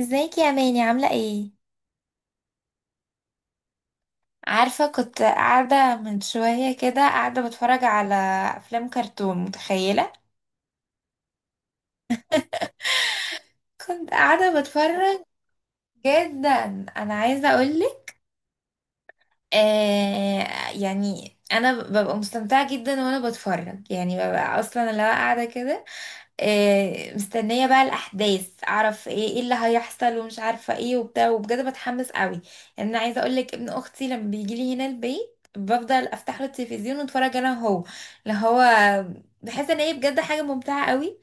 ازيك يا ماني عاملة ايه؟ عارفة كنت قاعدة من شوية كده قاعدة بتفرج على أفلام كرتون متخيلة؟ كنت قاعدة بتفرج جدا. أنا عايزة أقولك آه. يعني أنا ببقى مستمتعة جدا وأنا بتفرج، يعني ببقى أصلا اللي هو قاعدة كده. مستنية بقى الأحداث، أعرف إيه إيه اللي هيحصل ومش عارفة إيه وبتاع، وبجد بتحمس قوي. يعني أنا عايزة أقولك ابن أختي لما بيجيلي هنا البيت بفضل أفتح له التلفزيون وأتفرج أنا وهو اللي هو، بحس إن هي بجد حاجة ممتعة قوي.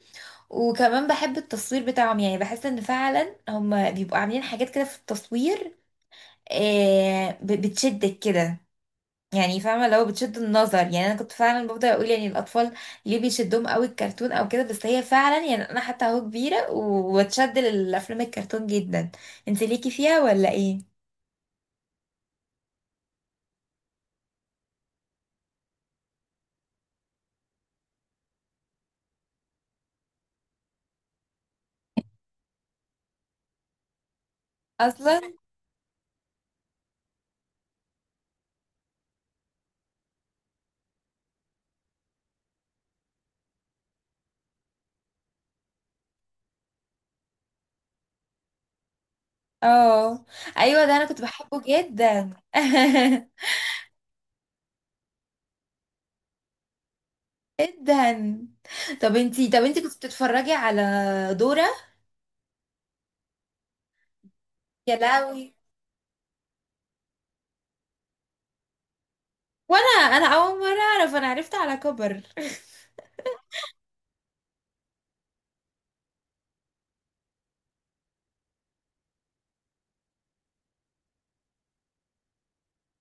وكمان بحب التصوير بتاعهم، يعني بحس إن فعلا هم بيبقوا عاملين حاجات كده في التصوير. بتشدك كده، يعني فاهمه لو بتشد النظر. يعني انا كنت فعلا بفضل اقول يعني الاطفال ليه بيشدهم قوي الكرتون او كده، بس هي فعلا يعني انا حتى اهو كبيره واتشد للافلام الكرتون جدا. انت ليكي فيها ولا ايه؟ اصلا. اه ايوه، ده انا كنت بحبه جدا جدا. طب انتي كنت بتتفرجي على دورة؟ يا لهوي. وانا، انا اول مره اعرف، انا عرفت على كبر.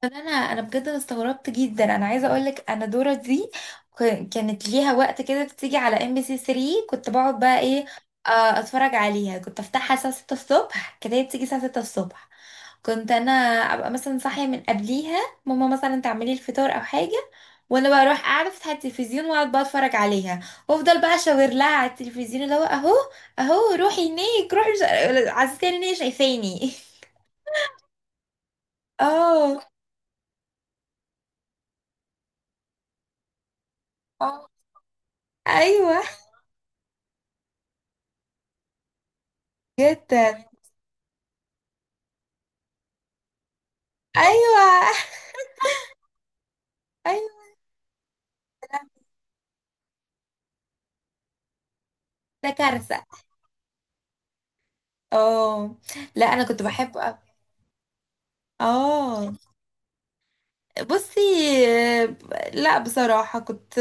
طب انا بجد أنا استغربت جدا. انا عايزه اقول لك انا دورة دي كانت ليها وقت كده، بتيجي على MBC 3. كنت بقعد بقى ايه، آه، اتفرج عليها. كنت افتحها الساعه 6 الصبح، كانت هي بتيجي الساعه 6 الصبح. كنت انا ابقى مثلا صاحيه من قبليها، ماما مثلا تعملي الفطار او حاجه، وانا بقى اروح قاعده افتح التلفزيون واقعد بقى اتفرج عليها. وافضل بقى اشاور لها على التلفزيون اللي هو اهو، اهو روحي هناك، روحي عزيزتي ان هي شايفاني اه. اه ايوه، بجد. ايوه ايوه ده كارثه. اه لا انا كنت بحبه قوي. اه، بصي. آه، لا بصراحة كنت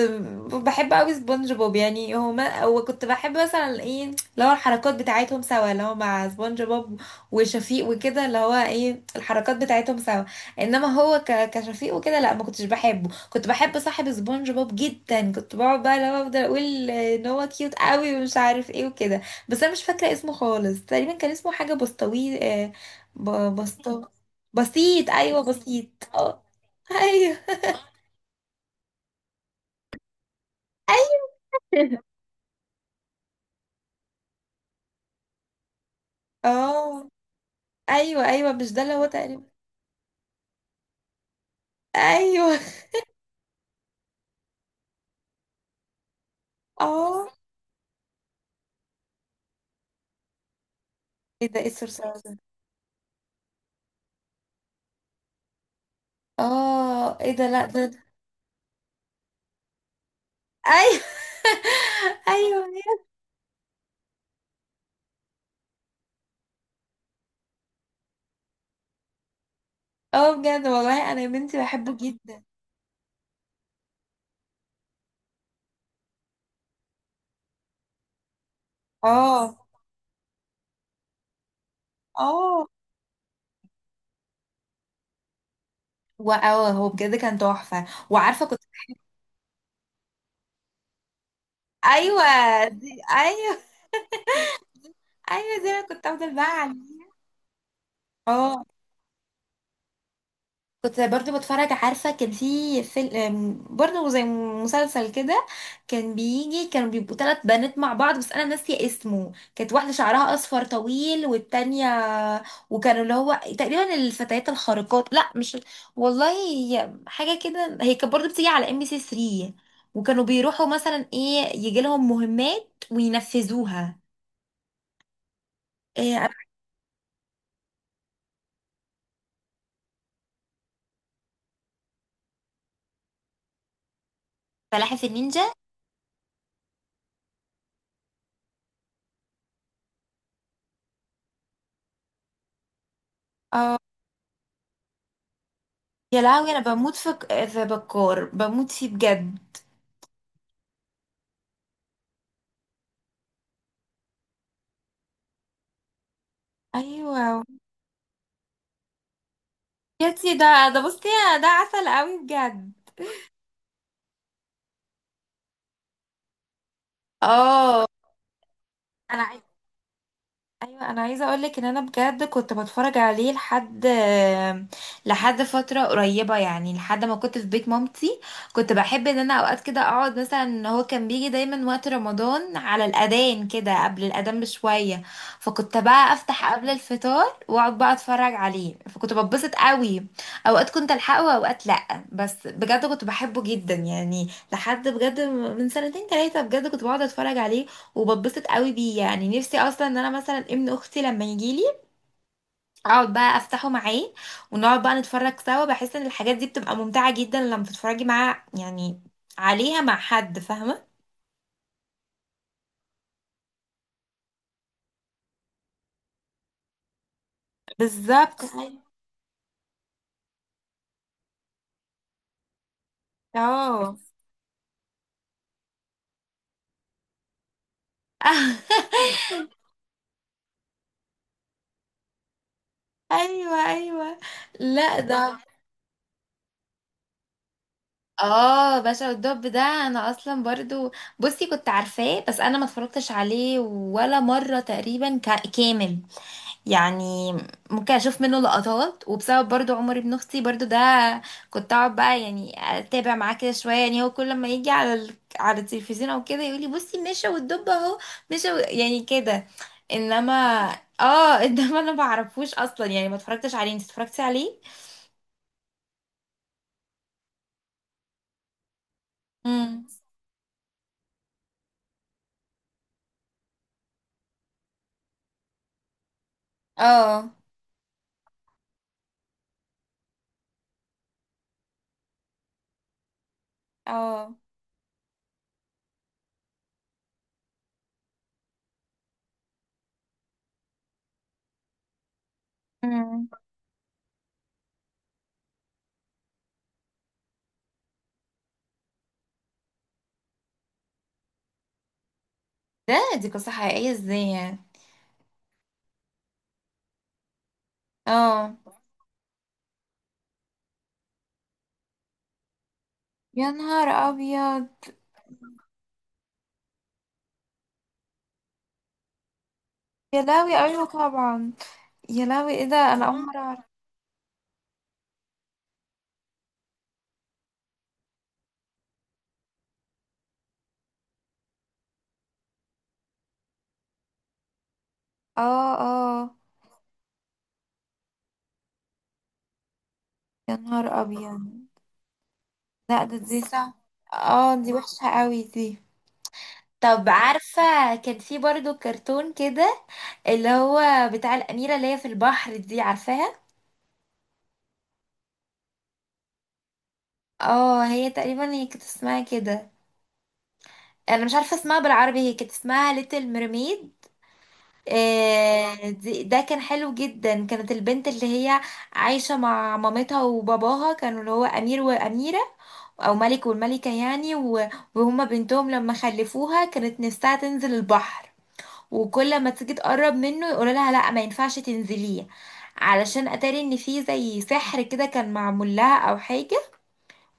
بحب قوي سبونج بوب، يعني هما. وكنت بحب مثلا ايه اللي هو الحركات بتاعتهم سوا اللي هو مع سبونج بوب وشفيق وكده، اللي هو ايه الحركات بتاعتهم سوا. انما هو كشفيق وكده لا ما كنتش بحبه. كنت بحب صاحب سبونج بوب جدا، كنت بقعد بقى اللي هو افضل اقول ان هو كيوت قوي ومش عارف ايه وكده. بس انا مش فاكرة اسمه خالص، تقريبا كان اسمه حاجة بسطوي. بسطو. بسيط، ايوه بسيط. آه. ايوه ايوه اه ايوه ايوه، مش ده اللي هو تقريبا؟ ايوه. اه ايه ده، ايه الصرصار ده؟ اه ايه ده، لا ده ايوه ايوه. اه بجد والله انا يا بنتي بحبه جدا. اه. اه واه هو بجد كان تحفه. وعارفه كنت، ايوه دي. ايوه ايوه زي ما كنت افضل بقى عليه. اه كنت برضو بتفرج. عارفة كان في فيلم برضو زي مسلسل كده، كان بيجي كانوا بيبقوا ثلاث بنات مع بعض بس أنا ناسية اسمه. كانت واحدة شعرها أصفر طويل، والتانية، وكانوا اللي هو تقريبا الفتيات الخارقات، لا مش والله. هي حاجة كده هي كانت برضو بتيجي على ام بي سي 3، وكانوا بيروحوا مثلا ايه يجي لهم مهمات وينفذوها. إيه أنا. فلاحف النينجا. يا لهوي أنا بموت في بكار، بموت فيه بجد. أيوة. يا تي ده، ده بصي ده عسل قوي بجد. اه انا عايزه. ايوه انا عايزه اقولك ان انا بجد كنت بتفرج عليه لحد فتره قريبه، يعني لحد ما كنت في بيت مامتي. كنت بحب ان انا اوقات كده اقعد مثلا، هو كان بيجي دايما وقت رمضان على الاذان كده، قبل الاذان بشويه. فكنت بقى افتح قبل الفطار واقعد بقى اتفرج عليه فكنت بتبسط قوي. اوقات كنت الحقه واوقات لا. بس بجد كنت بحبه جدا يعني، لحد بجد من سنتين ثلاثه بجد كنت بقعد اتفرج عليه وبتبسط قوي بيه. يعني نفسي اصلا ان انا مثلا ابن اختي لما يجيلي اقعد بقى افتحه معاه ونقعد بقى نتفرج سوا. بحس ان الحاجات دي بتبقى ممتعة جدا لما تتفرجي معاه يعني، عليها مع حد، فاهمة؟ بالظبط أيوة. اه ايوه ايوه. لا ده. اه باشا والدب، ده انا اصلا برضو بصي كنت عارفاه بس انا ما اتفرجتش عليه ولا مرة تقريبا كامل يعني. ممكن اشوف منه لقطات، وبسبب برضو عمر ابن اختي برضو ده كنت اقعد بقى يعني اتابع معاه كده شويه. يعني هو كل ما يجي على على التلفزيون او كده يقول لي بصي مشى والدب اهو، مشى يعني كده. انما اه انما انا ما بعرفوش اصلا، يعني ما اتفرجتش عليه. انت اتفرجتي عليه؟ امم اه. اه. مم. ده دي قصه حقيقيه ازاي يعني؟ اه. يا نهار ابيض. يا لهوي، ايوه طبعا. يا لهوي ايه ده، انا اول مره. اه. اه. يا نهار ابيض. لا ده دي صح. اه دي وحشة قوي دي. طب عارفة، كان في برضو كرتون كده اللي هو بتاع الأميرة اللي هي في البحر دي، عارفاها؟ اه، هي تقريبا هي كانت اسمها كده. أنا مش عارفة اسمها بالعربي، هي كانت اسمها ليتل ميرميد. ده كان حلو جدا. كانت البنت اللي هي عايشة مع مامتها وباباها، كانوا اللي هو أمير وأميرة، او ملك والملكة يعني. وهما بنتهم لما خلفوها كانت نفسها تنزل البحر. وكل ما تيجي تقرب منه يقولوا لها لا ما ينفعش تنزليه، علشان اتاري ان في زي سحر كده كان معمول لها او حاجة.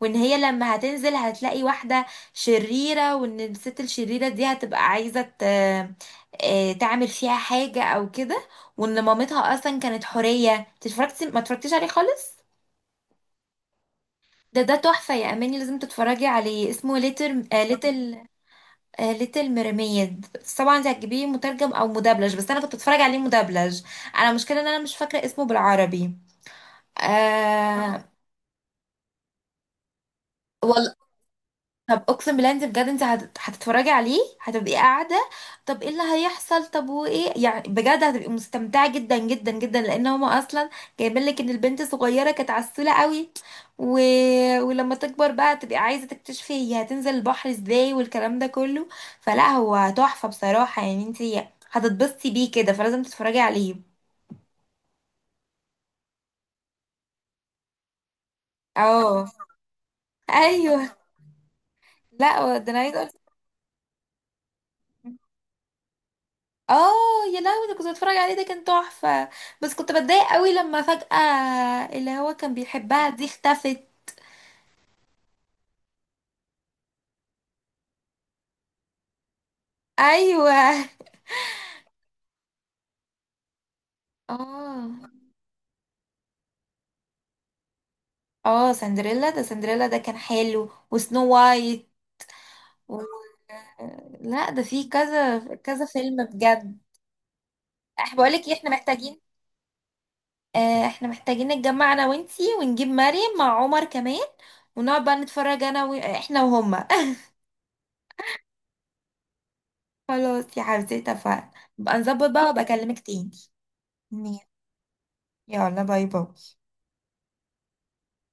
وان هي لما هتنزل هتلاقي واحدة شريرة، وان الست الشريرة دي هتبقى عايزة تعمل فيها حاجة او كده. وان مامتها اصلا كانت حورية. إنت اتفرجتي ما اتفرجتيش عليه خالص؟ ده تحفة يا أماني، لازم تتفرجي عليه. اسمه ليتل، آه ليتل ميرميد. طبعا انت هتجيبيه مترجم او مدبلج، بس انا كنت بتفرج عليه مدبلج. انا مشكله ان انا مش فاكره اسمه بالعربي. اه آه. والله طب اقسم بالله، انت بجد انت هتتفرجي عليه هتبقي قاعده طب ايه اللي هيحصل؟ طب وايه يعني بجد هتبقي مستمتعه جدا جدا جدا، لان هما اصلا جايبين لك ان البنت صغيره كانت عسوله قوي و... ولما تكبر بقى تبقي عايزه تكتشفي هي هتنزل البحر ازاي، والكلام ده كله. فلا هو تحفه بصراحه، يعني انت هتتبسطي بيه كده، فلازم تتفرجي عليه. اه ايوه. لا ده انا عايزه أقول. اه يا لهوي، ده كنت بتفرج عليه، ده كان تحفة. بس كنت بتضايق قوي لما فجأة اللي هو كان بيحبها دي اختفت. ايوه. اه. اه سندريلا، ده سندريلا ده كان حلو، وسنو وايت و... لا ده فيه كذا كذا فيلم بجد. احنا بقولك ايه، احنا محتاجين، احنا محتاجين نتجمع انا وانتي ونجيب مريم مع عمر كمان، ونقعد بقى نتفرج انا احنا وهما خلاص يا حبيبتي اتفقنا. بقى نظبط بقى، وابقى اكلمك تاني. يلا باي باي